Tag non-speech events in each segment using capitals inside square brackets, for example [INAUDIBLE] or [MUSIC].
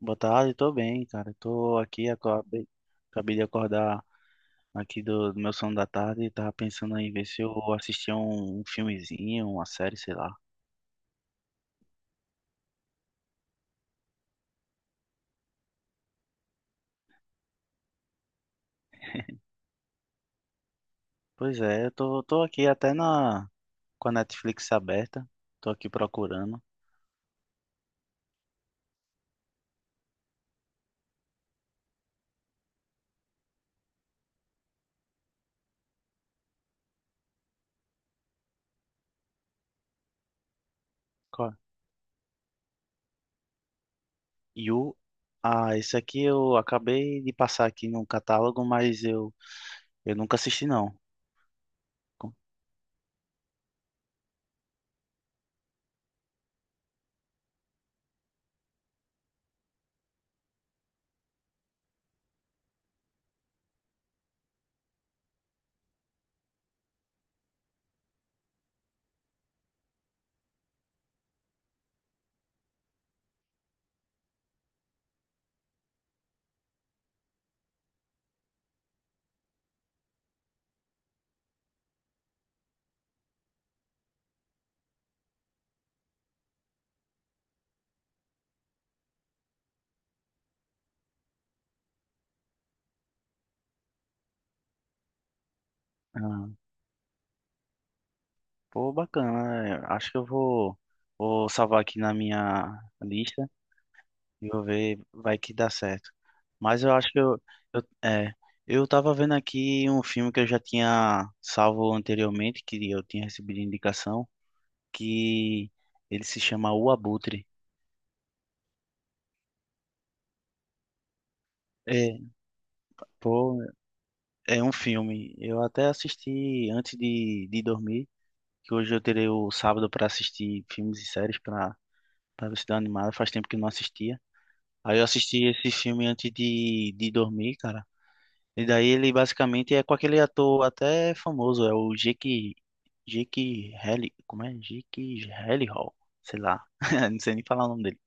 Boa tarde, tô bem, cara. Tô aqui, acabei de acordar aqui do meu sono da tarde e tava pensando em ver se eu assistia um filmezinho, uma série, sei lá. Pois é, tô aqui até com a Netflix aberta, tô aqui procurando. Qual? You. Ah, esse aqui eu acabei de passar aqui no catálogo, eu nunca assisti não. Com- Ah, pô, bacana, né? Acho que vou salvar aqui na minha lista. E vou ver, vai que dá certo. Mas eu acho que eu, é, eu tava vendo aqui um filme que eu já tinha salvo anteriormente, que eu tinha recebido indicação, que ele se chama O Abutre. É, pô, é um filme. Eu até assisti antes de dormir, que hoje eu terei o sábado para assistir filmes e séries para para ver se dá animada. Faz tempo que eu não assistia. Aí eu assisti esse filme antes de dormir, cara. E daí ele basicamente é com aquele ator até famoso, é o Jake Halli, como é? Jake Hall sei lá, [LAUGHS] não sei nem falar o nome dele.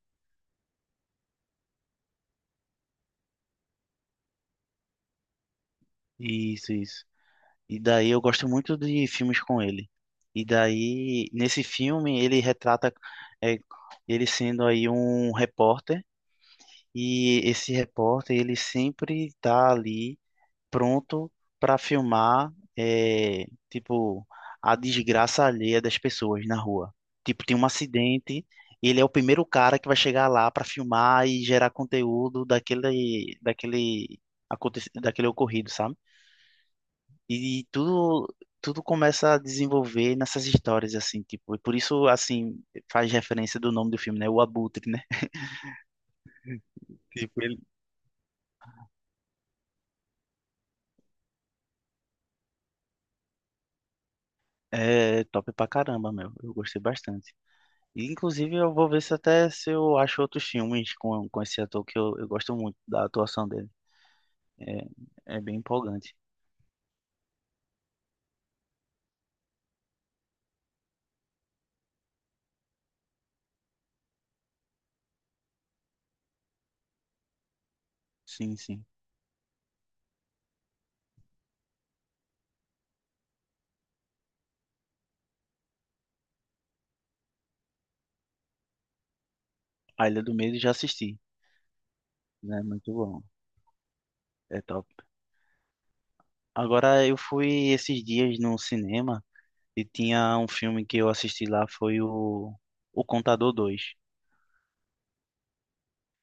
Isso, isso. E daí eu gosto muito de filmes com ele. E daí, nesse filme, ele retrata é, ele sendo aí um repórter, e esse repórter, ele sempre tá ali. Pronto para filmar, é, tipo, a desgraça alheia das pessoas na rua. Tipo, tem um acidente, ele é o primeiro cara que vai chegar lá para filmar e gerar conteúdo daquele, daquele ocorrido, sabe? E tudo começa a desenvolver nessas histórias, assim, tipo, e por isso, assim, faz referência do nome do filme, né? O Abutre, né? Tipo, ele é top pra caramba, meu. Eu gostei bastante. E, inclusive, eu vou ver se até se eu acho outros filmes com esse ator que eu gosto muito da atuação dele. É, é bem empolgante. Sim, sim. A Ilha do Medo já assisti, né? Muito bom. É top. Agora, eu fui esses dias no cinema e tinha um filme que eu assisti lá, foi o Contador dois,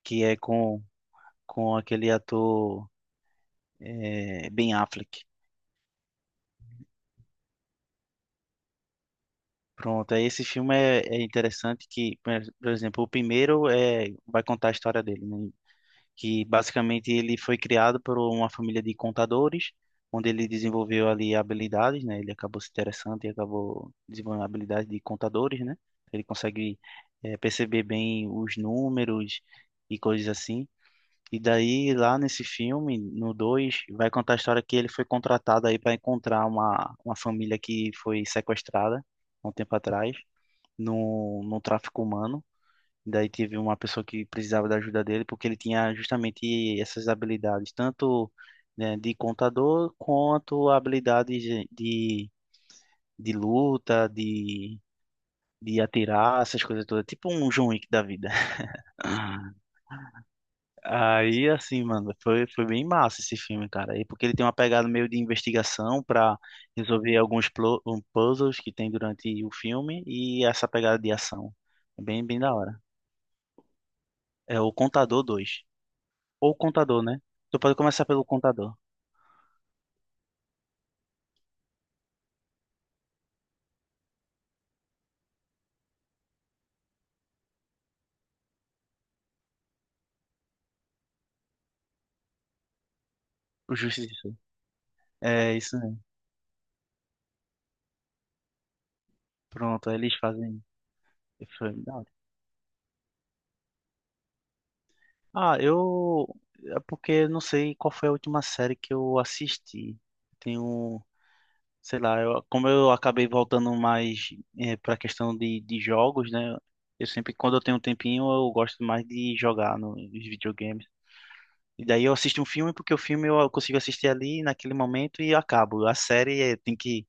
que é com aquele ator, é, Ben Affleck. Pronto, aí esse filme é interessante que, por exemplo, o primeiro é, vai contar a história dele, né? Que basicamente ele foi criado por uma família de contadores, onde ele desenvolveu ali habilidades, né? Ele acabou se interessando e acabou desenvolvendo habilidades de contadores, né? Ele consegue perceber bem os números e coisas assim. E daí, lá nesse filme, no 2 vai contar a história que ele foi contratado aí para encontrar uma família que foi sequestrada há um tempo atrás, no tráfico humano. Daí teve uma pessoa que precisava da ajuda dele, porque ele tinha justamente essas habilidades, tanto, né, de contador, quanto habilidades de luta, de atirar, essas coisas todas. Tipo um John Wick da vida. [LAUGHS] Aí, assim, mano, foi bem massa esse filme, cara. E porque ele tem uma pegada meio de investigação pra resolver alguns puzzles que tem durante o filme e essa pegada de ação. É bem da hora. É o Contador dois. Ou contador, né? Tu pode começar pelo contador, o justiça. É isso mesmo. Pronto, aí eles fazem. Foi da hora. Ah, eu. É porque eu não sei qual foi a última série que eu assisti. Tenho. Sei lá, eu, como eu acabei voltando mais é, pra questão de jogos, né? Eu sempre, quando eu tenho um tempinho, eu gosto mais de jogar nos videogames. E daí eu assisto um filme porque o filme eu consigo assistir ali naquele momento e acabo. A série é, tem que.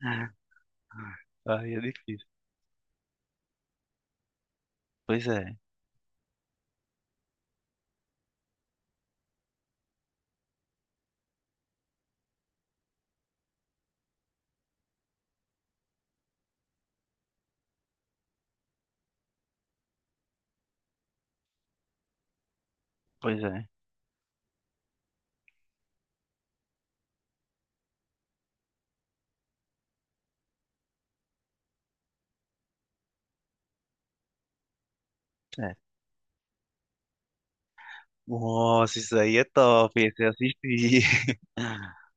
[LAUGHS] Aí é difícil. Pois é, pois é. É. Nossa, isso aí é top, esse eu assisti. [LAUGHS]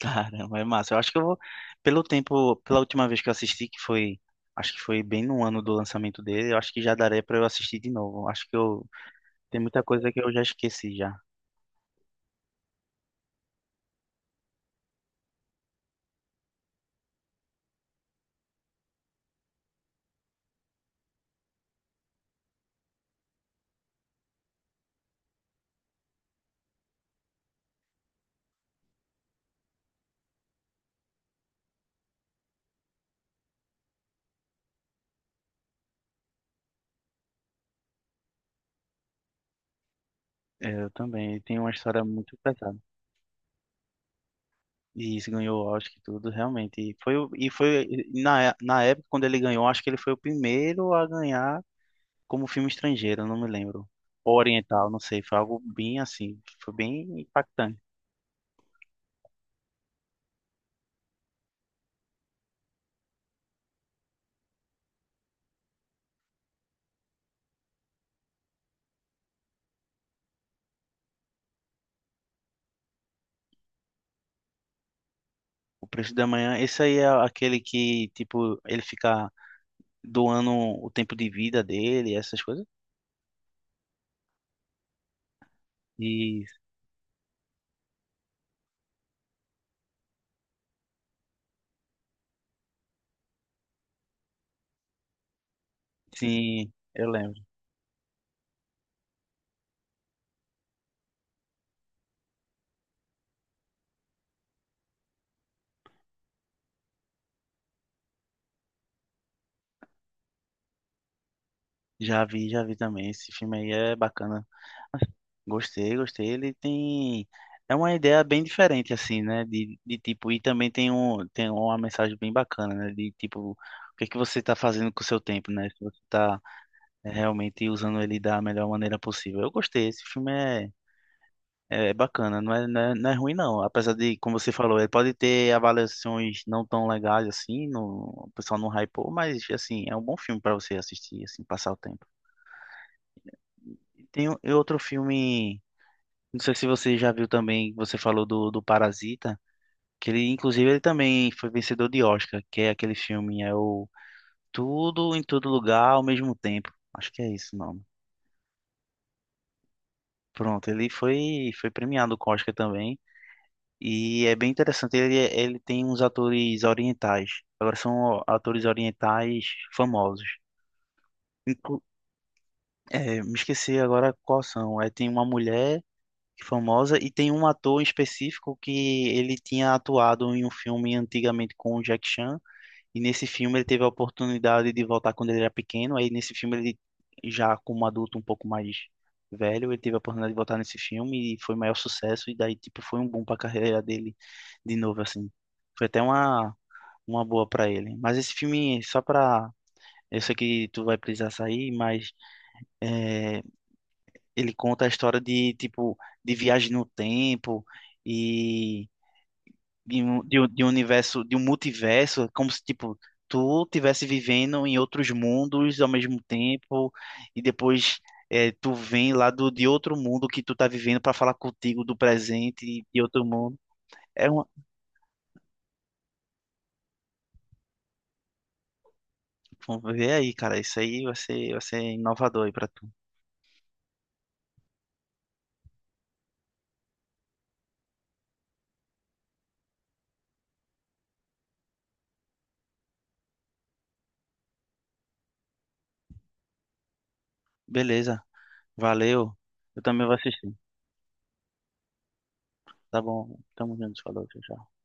Caramba, é massa. Eu acho que pelo tempo, pela última vez que eu assisti, que foi, acho que foi bem no ano do lançamento dele, eu acho que já daria pra eu assistir de novo. Acho que eu, tem muita coisa que eu já esqueci já. É, eu também, tem uma história muito pesada. E isso ganhou o Oscar e tudo, realmente. E foi, e foi na época, quando ele ganhou, acho que ele foi o primeiro a ganhar como filme estrangeiro, não me lembro. Ou oriental, não sei, foi algo bem assim, foi bem impactante. O Preço da Manhã, esse aí é aquele que, tipo, ele fica doando o tempo de vida dele, essas coisas. E sim, eu lembro. Já vi também. Esse filme aí é bacana. Gostei, gostei. Ele tem. É uma ideia bem diferente, assim, né? De tipo, e também tem tem uma mensagem bem bacana, né? De tipo, o que é que você tá fazendo com o seu tempo, né? Se você tá é realmente usando ele da melhor maneira possível. Eu gostei, esse filme é bacana, não é ruim não, apesar de, como você falou, ele pode ter avaliações não tão legais assim, no, o pessoal não hypou, mas assim, é um bom filme para você assistir, assim, passar o tempo. E tem e outro filme, não sei se você já viu também, você falou do Parasita, que ele, inclusive, ele também foi vencedor de Oscar, que é aquele filme, é o Tudo em Todo Lugar ao Mesmo Tempo, acho que é isso o nome. Pronto, foi premiado com o Oscar também. E é bem interessante, ele tem uns atores orientais. Agora são atores orientais famosos. Inclu- me esqueci agora quais são. É, tem uma mulher famosa e tem um ator em específico que ele tinha atuado em um filme antigamente com o Jack Chan. E nesse filme ele teve a oportunidade de voltar quando ele era pequeno. Aí nesse filme ele já como adulto um pouco mais velho, ele teve a oportunidade de voltar nesse filme e foi o maior sucesso e daí tipo foi um boom para a carreira dele de novo assim. Foi até uma boa para ele. Mas esse filme só para eu sei que tu vai precisar sair, mas é, ele conta a história de tipo de viagem no tempo e de um universo, de um multiverso, é como se, tipo, tu tivesse vivendo em outros mundos ao mesmo tempo, e depois tu vem lá de outro mundo que tu tá vivendo para falar contigo do presente de outro mundo. É uma... Vamos ver aí, cara. Isso aí vai vai ser inovador aí pra tu. Beleza. Valeu. Eu também vou assistir. Tá bom. Tamo junto. Falou. Tchau, tchau.